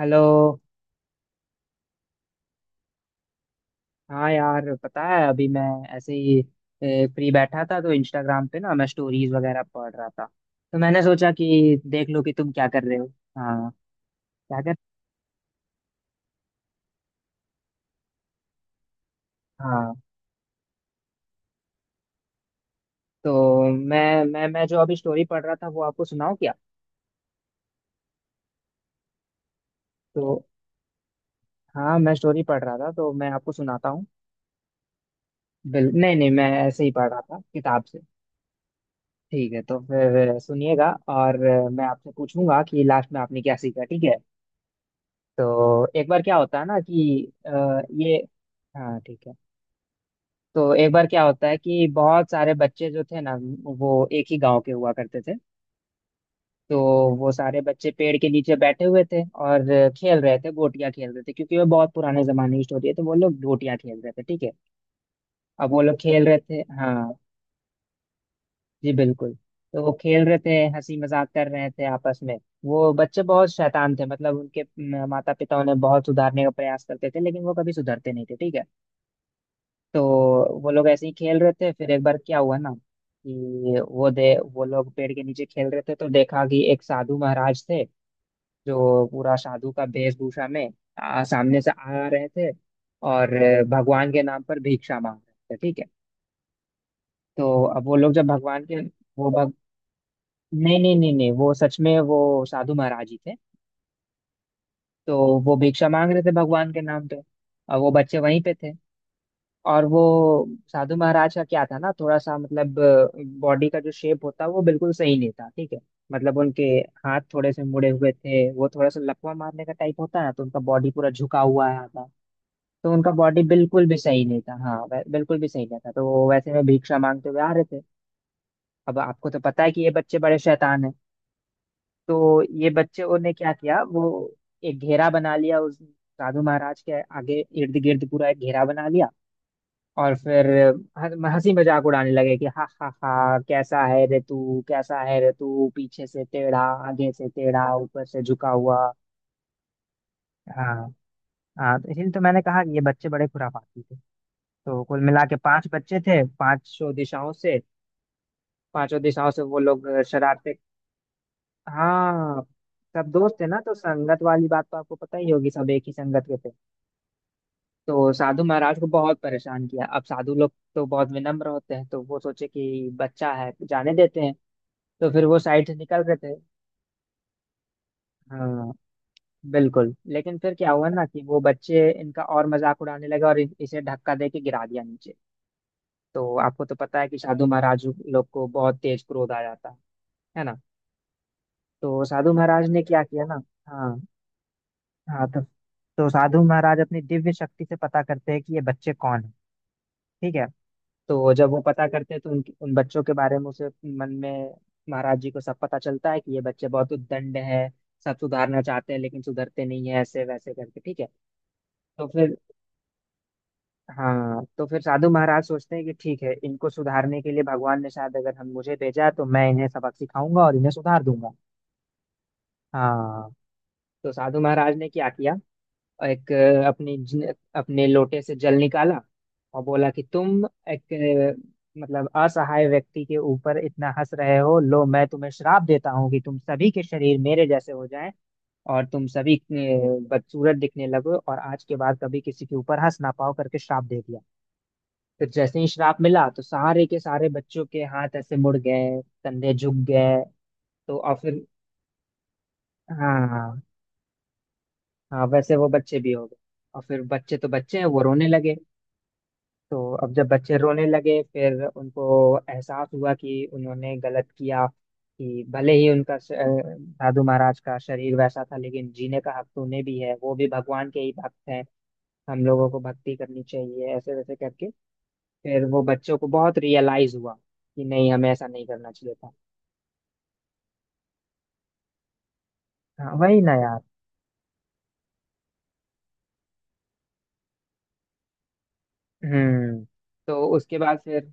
Hello. हाँ यार पता है अभी मैं ऐसे ही फ्री बैठा था तो इंस्टाग्राम पे ना मैं स्टोरीज वगैरह पढ़ रहा था तो मैंने सोचा कि देख लो कि तुम क्या कर रहे हो। हाँ। क्या कर। हाँ, तो मैं जो अभी स्टोरी पढ़ रहा था वो आपको सुनाऊं क्या? तो हाँ मैं स्टोरी पढ़ रहा था तो मैं आपको सुनाता हूँ। बिल नहीं नहीं, मैं ऐसे ही पढ़ रहा था किताब से। ठीक है, तो फिर सुनिएगा और मैं आपसे पूछूंगा कि लास्ट में आपने क्या सीखा, ठीक है। तो एक बार क्या होता है ना कि ये। हाँ ठीक है। तो एक बार क्या होता है कि बहुत सारे बच्चे जो थे ना वो एक ही गांव के हुआ करते थे। तो वो सारे बच्चे पेड़ के नीचे बैठे हुए थे और खेल रहे थे, गोटियां खेल रहे थे क्योंकि वो बहुत पुराने जमाने की स्टोरी है, तो वो लोग गोटियां खेल रहे थे, ठीक है। अब वो लोग खेल रहे थे, हाँ। जी बिल्कुल। तो वो खेल रहे थे, हंसी मजाक कर रहे थे आपस में। वो बच्चे बहुत शैतान थे, मतलब उनके माता पिता उन्हें बहुत सुधारने का प्रयास करते थे लेकिन वो कभी सुधरते नहीं थे, ठीक है। तो वो लोग ऐसे ही खेल रहे थे, फिर एक बार क्या हुआ ना कि वो लोग पेड़ के नीचे खेल रहे थे तो देखा कि एक साधु महाराज थे जो पूरा साधु का वेशभूषा में सामने से आ रहे थे और भगवान के नाम पर भिक्षा मांग रहे थे, ठीक है। तो अब वो लोग जब भगवान के वो भग नहीं नहीं नहीं नहीं, वो सच में वो साधु महाराज ही थे। तो वो भिक्षा मांग रहे थे भगवान के नाम पे, और वो बच्चे वहीं पे थे। और वो साधु महाराज का क्या था ना, थोड़ा सा मतलब बॉडी का जो शेप होता वो बिल्कुल सही नहीं था, ठीक है। मतलब उनके हाथ थोड़े से मुड़े हुए थे, वो थोड़ा सा लकवा मारने का टाइप होता है ना, तो उनका बॉडी पूरा झुका हुआ आया था। तो उनका बॉडी बिल्कुल भी सही नहीं था, हाँ, बिल्कुल भी सही नहीं था, तो वो वैसे में भिक्षा मांगते हुए आ रहे थे। अब आपको तो पता है कि ये बच्चे बड़े शैतान हैं। तो ये बच्चे, उन्होंने क्या किया, वो एक घेरा बना लिया उस साधु महाराज के आगे इर्द गिर्द, पूरा एक घेरा बना लिया। और फिर हंसी मजाक उड़ाने लगे कि हा हा हा, कैसा है रे तू, कैसा है रे तू, पीछे से टेढ़ा, आगे से टेढ़ा, ऊपर से झुका हुआ। हाँ। हाँ तो इसलिए तो मैंने कहा कि ये बच्चे बड़े खुराफाती थे। तो कुल मिला के पांच बच्चे थे, पांचों दिशाओं से, पांचों दिशाओं से वो लोग शरारते। हाँ, सब दोस्त थे ना, तो संगत वाली बात तो आपको पता ही होगी, सब एक ही संगत के थे। तो साधु महाराज को बहुत परेशान किया। अब साधु लोग तो बहुत विनम्र होते हैं, तो वो सोचे कि बच्चा है, जाने देते हैं। तो फिर वो साइड से निकल गए थे। हाँ बिल्कुल, लेकिन फिर क्या हुआ ना कि वो बच्चे इनका और मजाक उड़ाने लगे और इसे धक्का दे के गिरा दिया नीचे। तो आपको तो पता है कि साधु महाराज लोग को बहुत तेज क्रोध आ जाता है ना। तो साधु महाराज ने क्या किया ना। हाँ हाँ तो साधु महाराज अपनी दिव्य शक्ति से पता करते हैं कि ये बच्चे कौन है, ठीक है। तो जब वो पता करते हैं तो उनकी उन बच्चों के बारे में उसे मन में महाराज जी को सब पता चलता है कि ये बच्चे बहुत उद्दंड है, सब सुधारना चाहते हैं लेकिन सुधरते नहीं है, ऐसे वैसे करके, ठीक है। तो फिर, हाँ तो फिर साधु महाराज सोचते हैं कि ठीक है, इनको सुधारने के लिए भगवान ने शायद अगर हम मुझे भेजा है, तो मैं इन्हें सबक सिखाऊंगा और इन्हें सुधार दूंगा। हाँ, तो साधु महाराज ने क्या किया, और एक अपनी अपने लोटे से जल निकाला और बोला कि तुम एक मतलब असहाय व्यक्ति के ऊपर इतना हंस रहे हो, लो मैं तुम्हें श्राप देता हूँ कि तुम सभी के शरीर मेरे जैसे हो जाएं और तुम सभी बदसूरत दिखने लगो और आज के बाद कभी किसी के ऊपर हंस ना पाओ, करके श्राप दे दिया। तो जैसे ही श्राप मिला तो सारे के सारे बच्चों के हाथ ऐसे मुड़ गए, कंधे झुक गए। तो, और फिर, हाँ हाँ हाँ, वैसे वो बच्चे भी हो गए। और फिर बच्चे तो बच्चे हैं, वो रोने लगे। तो अब जब बच्चे रोने लगे फिर उनको एहसास हुआ कि उन्होंने गलत किया, कि भले ही उनका दादू महाराज का शरीर वैसा था लेकिन जीने का हक तो उन्हें भी है, वो भी भगवान के ही भक्त हैं, हम लोगों को भक्ति करनी चाहिए, ऐसे वैसे करके। फिर वो बच्चों को बहुत रियलाइज हुआ कि नहीं, हमें ऐसा नहीं करना चाहिए था। हाँ वही ना यार। हम्म। तो उसके बाद फिर,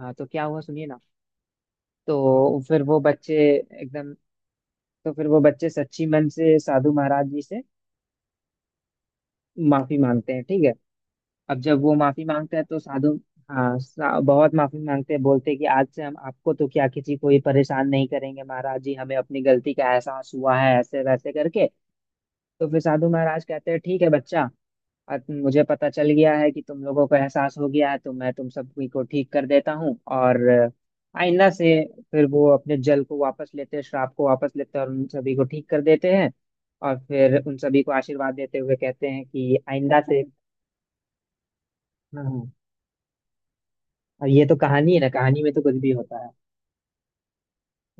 हाँ तो क्या हुआ सुनिए ना। तो फिर एकदम वो बच्चे सच्ची मन से साधु महाराज जी से माफी मांगते हैं, ठीक है। अब जब वो माफी मांगते हैं तो साधु, हाँ बहुत माफी मांगते हैं, बोलते हैं कि आज से हम आपको तो क्या, किसी को ही परेशान नहीं करेंगे, महाराज जी हमें अपनी गलती का एहसास हुआ है, ऐसे वैसे करके। तो फिर साधु महाराज कहते हैं ठीक है बच्चा, अब मुझे पता चल गया है कि तुम लोगों को एहसास हो गया है, तो मैं तुम सभी को ठीक कर देता हूँ और आईना से, फिर वो अपने जल को वापस लेते हैं, श्राप को वापस लेते हैं और उन सभी को ठीक कर देते हैं। और फिर उन सभी को आशीर्वाद देते हुए कहते हैं कि आइंदा से। हाँ, अब ये तो कहानी है ना, कहानी में तो कुछ भी होता है।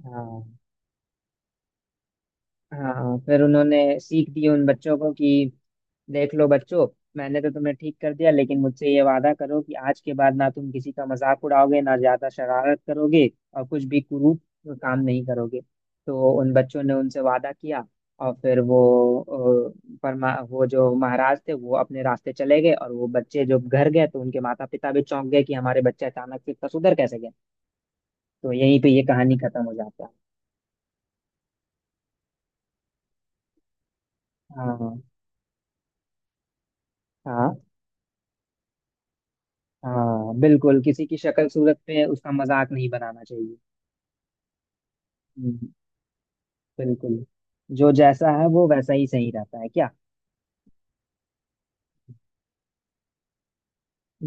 हाँ हाँ, फिर उन्होंने सीख दी उन बच्चों को कि देख लो बच्चों, मैंने तो तुम्हें ठीक कर दिया, लेकिन मुझसे ये वादा करो कि आज के बाद ना तुम किसी का मजाक उड़ाओगे, ना ज्यादा शरारत करोगे और कुछ भी कुरूप काम नहीं करोगे। तो उन बच्चों ने उनसे वादा किया। और फिर वो अ, परमा वो जो महाराज थे वो अपने रास्ते चले गए, और वो बच्चे जो घर गए तो उनके माता पिता भी चौंक गए कि हमारे बच्चे अचानक से इतना सुधर कैसे गए। तो यहीं पे ये कहानी खत्म हो जाता है। हाँ हाँ हाँ बिल्कुल, किसी की शक्ल सूरत पे उसका मजाक नहीं बनाना चाहिए। हम्म, बिल्कुल। जो जैसा है वो वैसा ही सही रहता है क्या।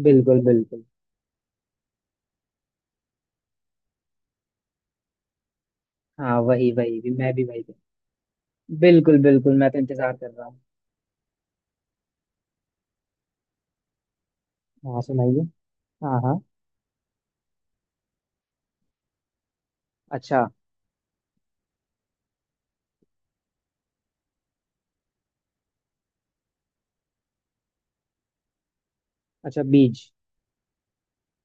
बिल्कुल बिल्कुल। हाँ वही वही भी, मैं भी वही पे। बिल्कुल बिल्कुल, मैं तो इंतजार कर रहा हूँ। हाँ सुनाइए। हाँ हाँ। अच्छा। अच्छा बीज।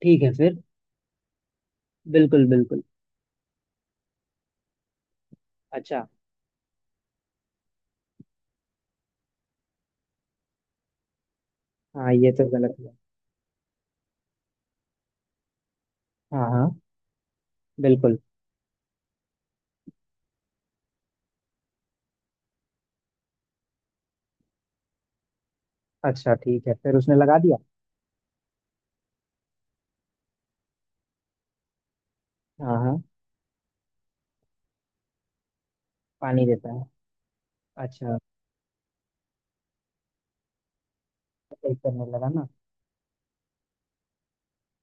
ठीक है फिर। बिल्कुल बिल्कुल। अच्छा। हाँ ये तो गलत हुआ। हाँ हाँ। बिल्कुल। अच्छा ठीक है, फिर उसने लगा दिया। हाँ हाँ। पानी देता है। अच्छा। ठीक करने लगा ना।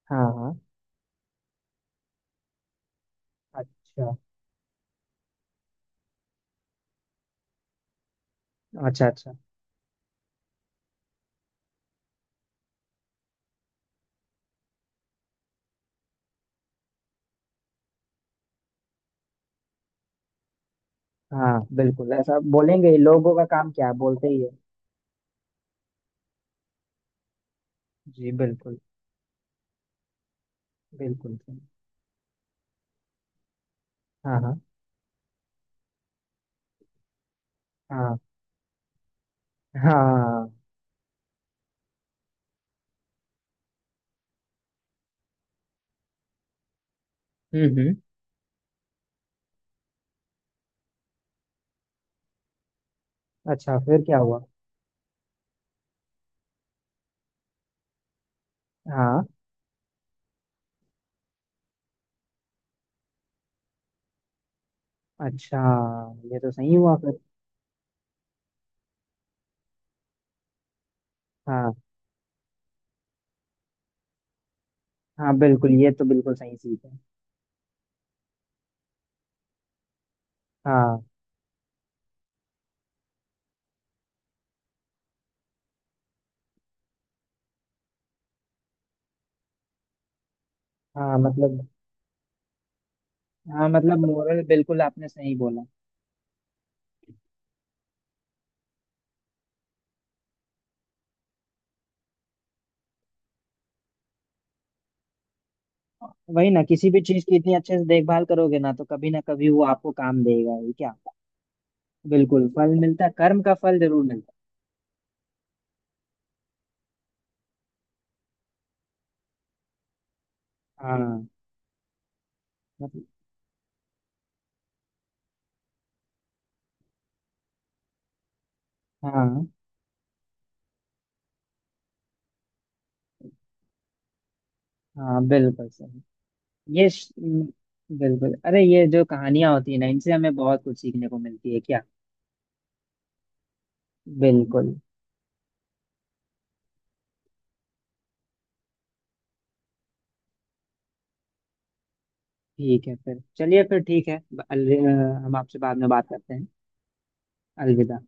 हाँ हाँ। अच्छा अच्छा। अच्छा। हाँ बिल्कुल, ऐसा बोलेंगे ही, लोगों का काम क्या है, बोलते ही है। जी बिल्कुल। बिल्कुल। हाँ हाँ हाँ हाँ। हम्म। अच्छा फिर क्या हुआ। हाँ। अच्छा ये तो सही हुआ फिर। हाँ हाँ बिल्कुल, ये तो बिल्कुल सही सीख है। हाँ। हाँ मतलब, हाँ मतलब मोरल बिल्कुल आपने सही बोला। वही ना, किसी भी चीज की इतनी अच्छे से देखभाल करोगे ना तो कभी ना कभी वो आपको काम देगा ही क्या। बिल्कुल, फल मिलता, कर्म का फल जरूर मिलता है। हाँ मतलब- हाँ हाँ बिल्कुल सही। ये बिल्कुल। अरे ये जो कहानियां होती है ना, इनसे हमें बहुत कुछ सीखने को मिलती है क्या। बिल्कुल। ठीक है फिर, चलिए फिर ठीक है, हम आपसे बाद में बात करते हैं। अलविदा।